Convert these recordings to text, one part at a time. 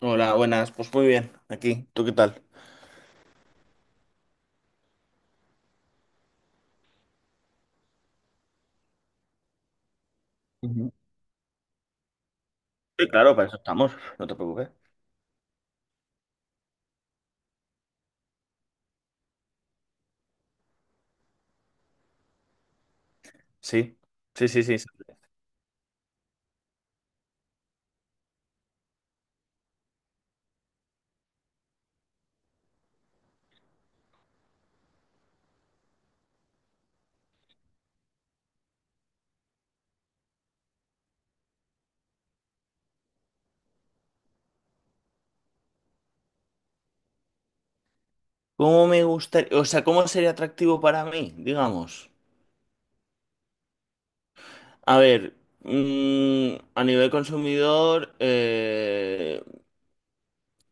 Hola, buenas. Pues muy bien, aquí. ¿Tú qué tal? Ujú. Sí, claro, para eso estamos. No te preocupes. Sí, sí, sí, sí, sí. ¿Cómo me gustaría? O sea, ¿cómo sería atractivo para mí, digamos? A ver, a nivel consumidor,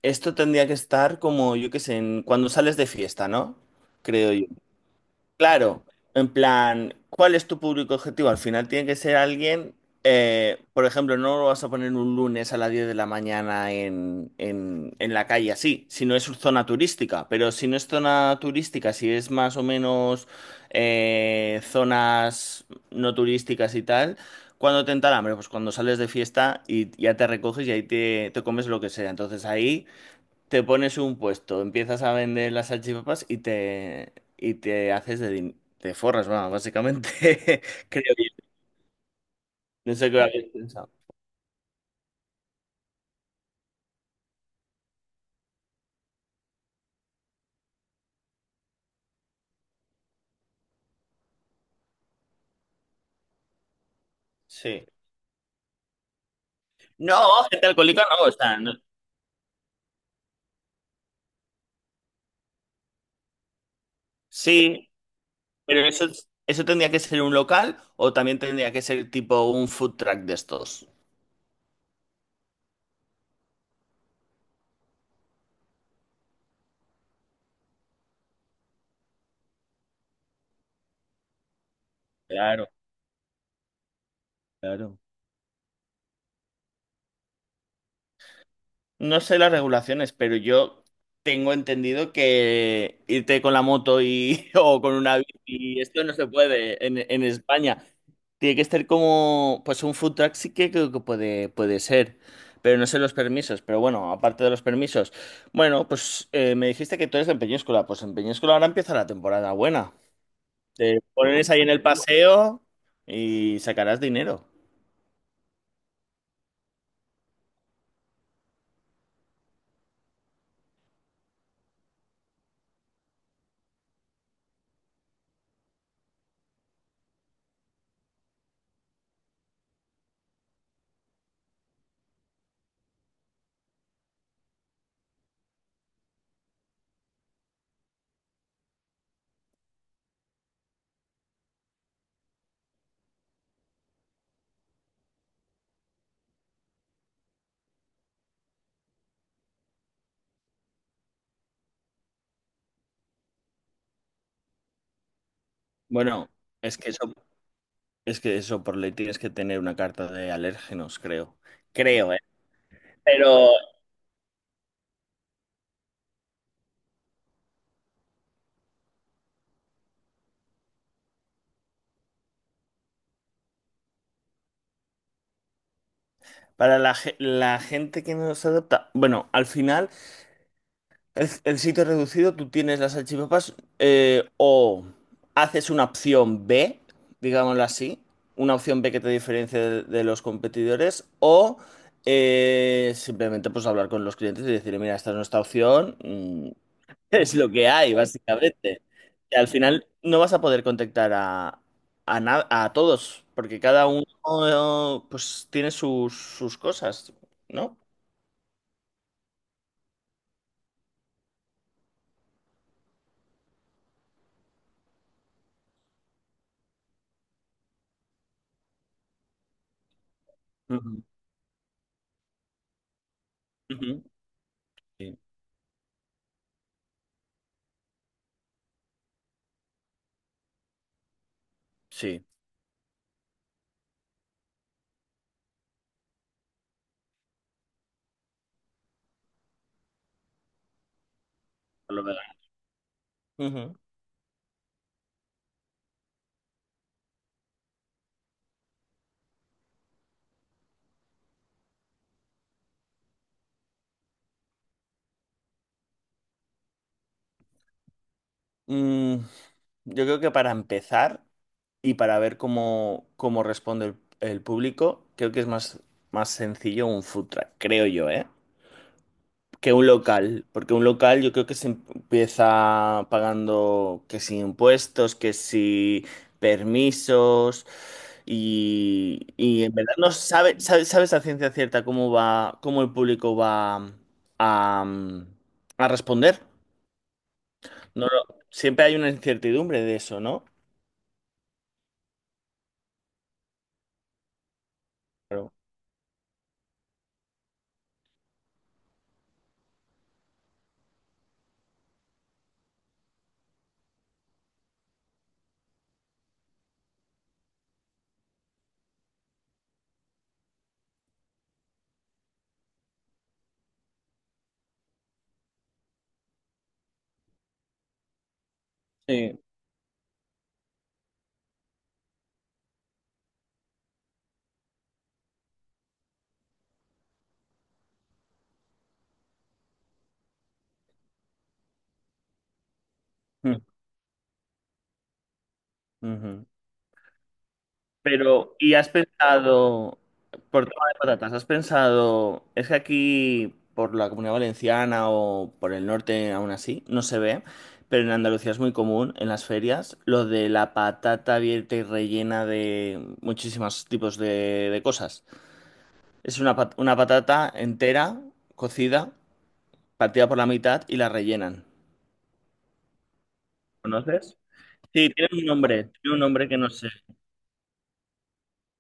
esto tendría que estar como, yo qué sé, cuando sales de fiesta, ¿no? Creo yo. Claro, en plan, ¿cuál es tu público objetivo? Al final tiene que ser alguien, por ejemplo, no lo vas a poner un lunes a las 10 de la mañana en la calle así, si no es zona turística, pero si no es zona turística, si es más o menos zonas no turísticas y tal, ¿cuándo te entra el hambre? Pues cuando sales de fiesta y ya te recoges y ahí te comes lo que sea. Entonces ahí... Te pones un puesto, empiezas a vender las salchipapas y te haces de te forras, va, básicamente, creo yo. No sé qué habéis pensado. Sí. No, gente alcohólica no, o sea, Sí, pero eso tendría que ser un local o también tendría que ser tipo un food truck de estos. Claro, claro. No sé las regulaciones, pero yo tengo entendido que irte con la moto y o con una bici, esto no se puede en España. Tiene que estar como, pues un food truck sí que creo que puede ser, pero no sé los permisos. Pero bueno, aparte de los permisos, bueno, pues me dijiste que tú eres de Peñíscola, pues en Peñíscola ahora empieza la temporada buena. Te pones ahí en el paseo y sacarás dinero. Bueno, es que eso. Es que eso, por ley tienes que tener una carta de alérgenos, creo. Creo, ¿eh? Pero para la gente que no se adapta, bueno, al final, el sitio reducido, tú tienes las salchipapas o haces una opción B, digámoslo así, una opción B que te diferencia de los competidores, o simplemente pues hablar con los clientes y decir, mira, esta es nuestra opción, es lo que hay, básicamente. Que al final no vas a poder contactar a todos, porque cada uno pues tiene sus, sus cosas, ¿no? Ujú. Ujú. Sí, sí, por lo menos. Ujú. Mm, yo creo que para empezar y para ver cómo, cómo responde el público, creo que es más sencillo un food truck, creo yo, ¿eh? Que un local, porque un local yo creo que se empieza pagando que si impuestos, que si permisos y en verdad no sabes a ciencia cierta cómo va, cómo el público va a, a responder. No, siempre hay una incertidumbre de eso, ¿no? Claro. Sí. Mm, ujú. Pero, ¿y has pensado, por tema de patatas, has pensado? Es que aquí, por la Comunidad Valenciana o por el norte aún así, no se ve, pero en Andalucía es muy común en las ferias lo de la patata abierta y rellena de muchísimos tipos de cosas. Es una, una patata entera, cocida, partida por la mitad y la rellenan. ¿Conoces? Sí, tiene un nombre que no sé.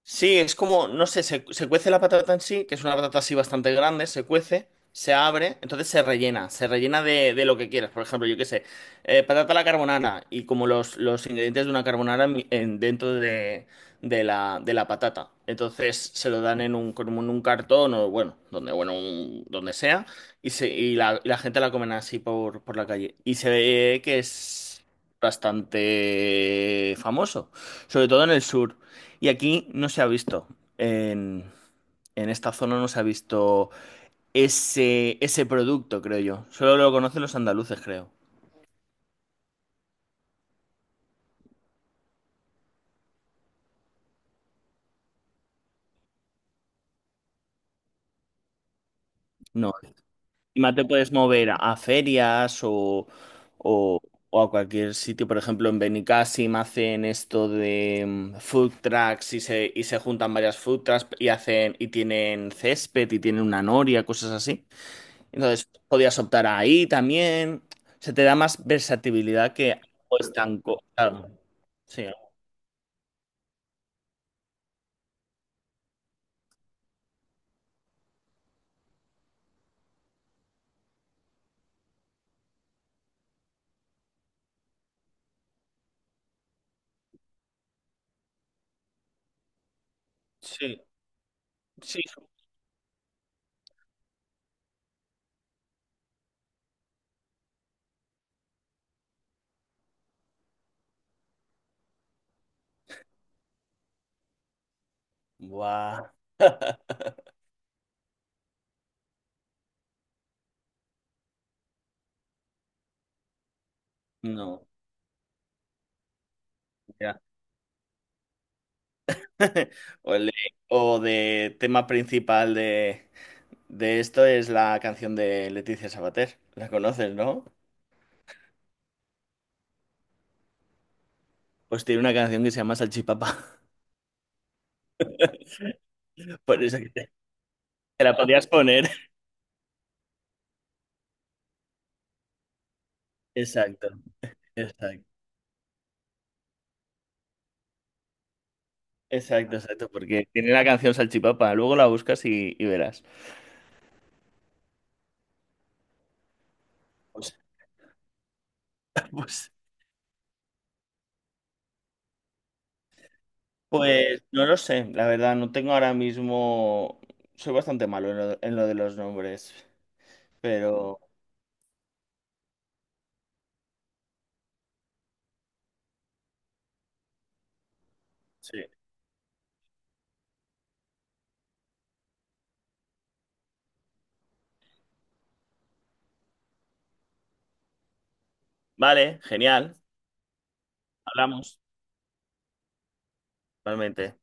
Sí, es como, no sé, se cuece la patata en sí, que es una patata así bastante grande, se cuece, se abre, entonces se rellena de lo que quieras. Por ejemplo, yo qué sé, patata a la carbonara y como los ingredientes de una carbonara dentro de la patata. Entonces se lo dan en un, como en un cartón o bueno, donde, bueno, donde sea, y la gente la comen así por la calle. Y se ve que es bastante famoso, sobre todo en el sur. Y aquí no se ha visto. En, en esta zona no se ha visto ese producto, creo yo. Solo lo conocen los andaluces, creo. No. Encima te puedes mover a ferias o, o a cualquier sitio. Por ejemplo, en Benicàssim hacen esto de food trucks y se juntan varias food trucks y hacen, y tienen césped y tienen una noria, cosas así. Entonces, podías optar ahí también. Se te da más versatilidad que algo estanco. Claro. Sí, sí, sí. Guau. No, ya. O, el- o de tema principal de esto es la canción de Leticia Sabater. ¿La conoces, no? Pues tiene una canción que se llama Salchipapa. Por eso que te la podías poner. Exacto, exacto. Exacto, exacto, porque tiene la canción Salchipapa. Luego la buscas y verás. Pues, pues Pues no lo sé, la verdad, no tengo ahora mismo. Soy bastante malo en lo de los nombres, pero sí. Vale, genial. Hablamos, realmente.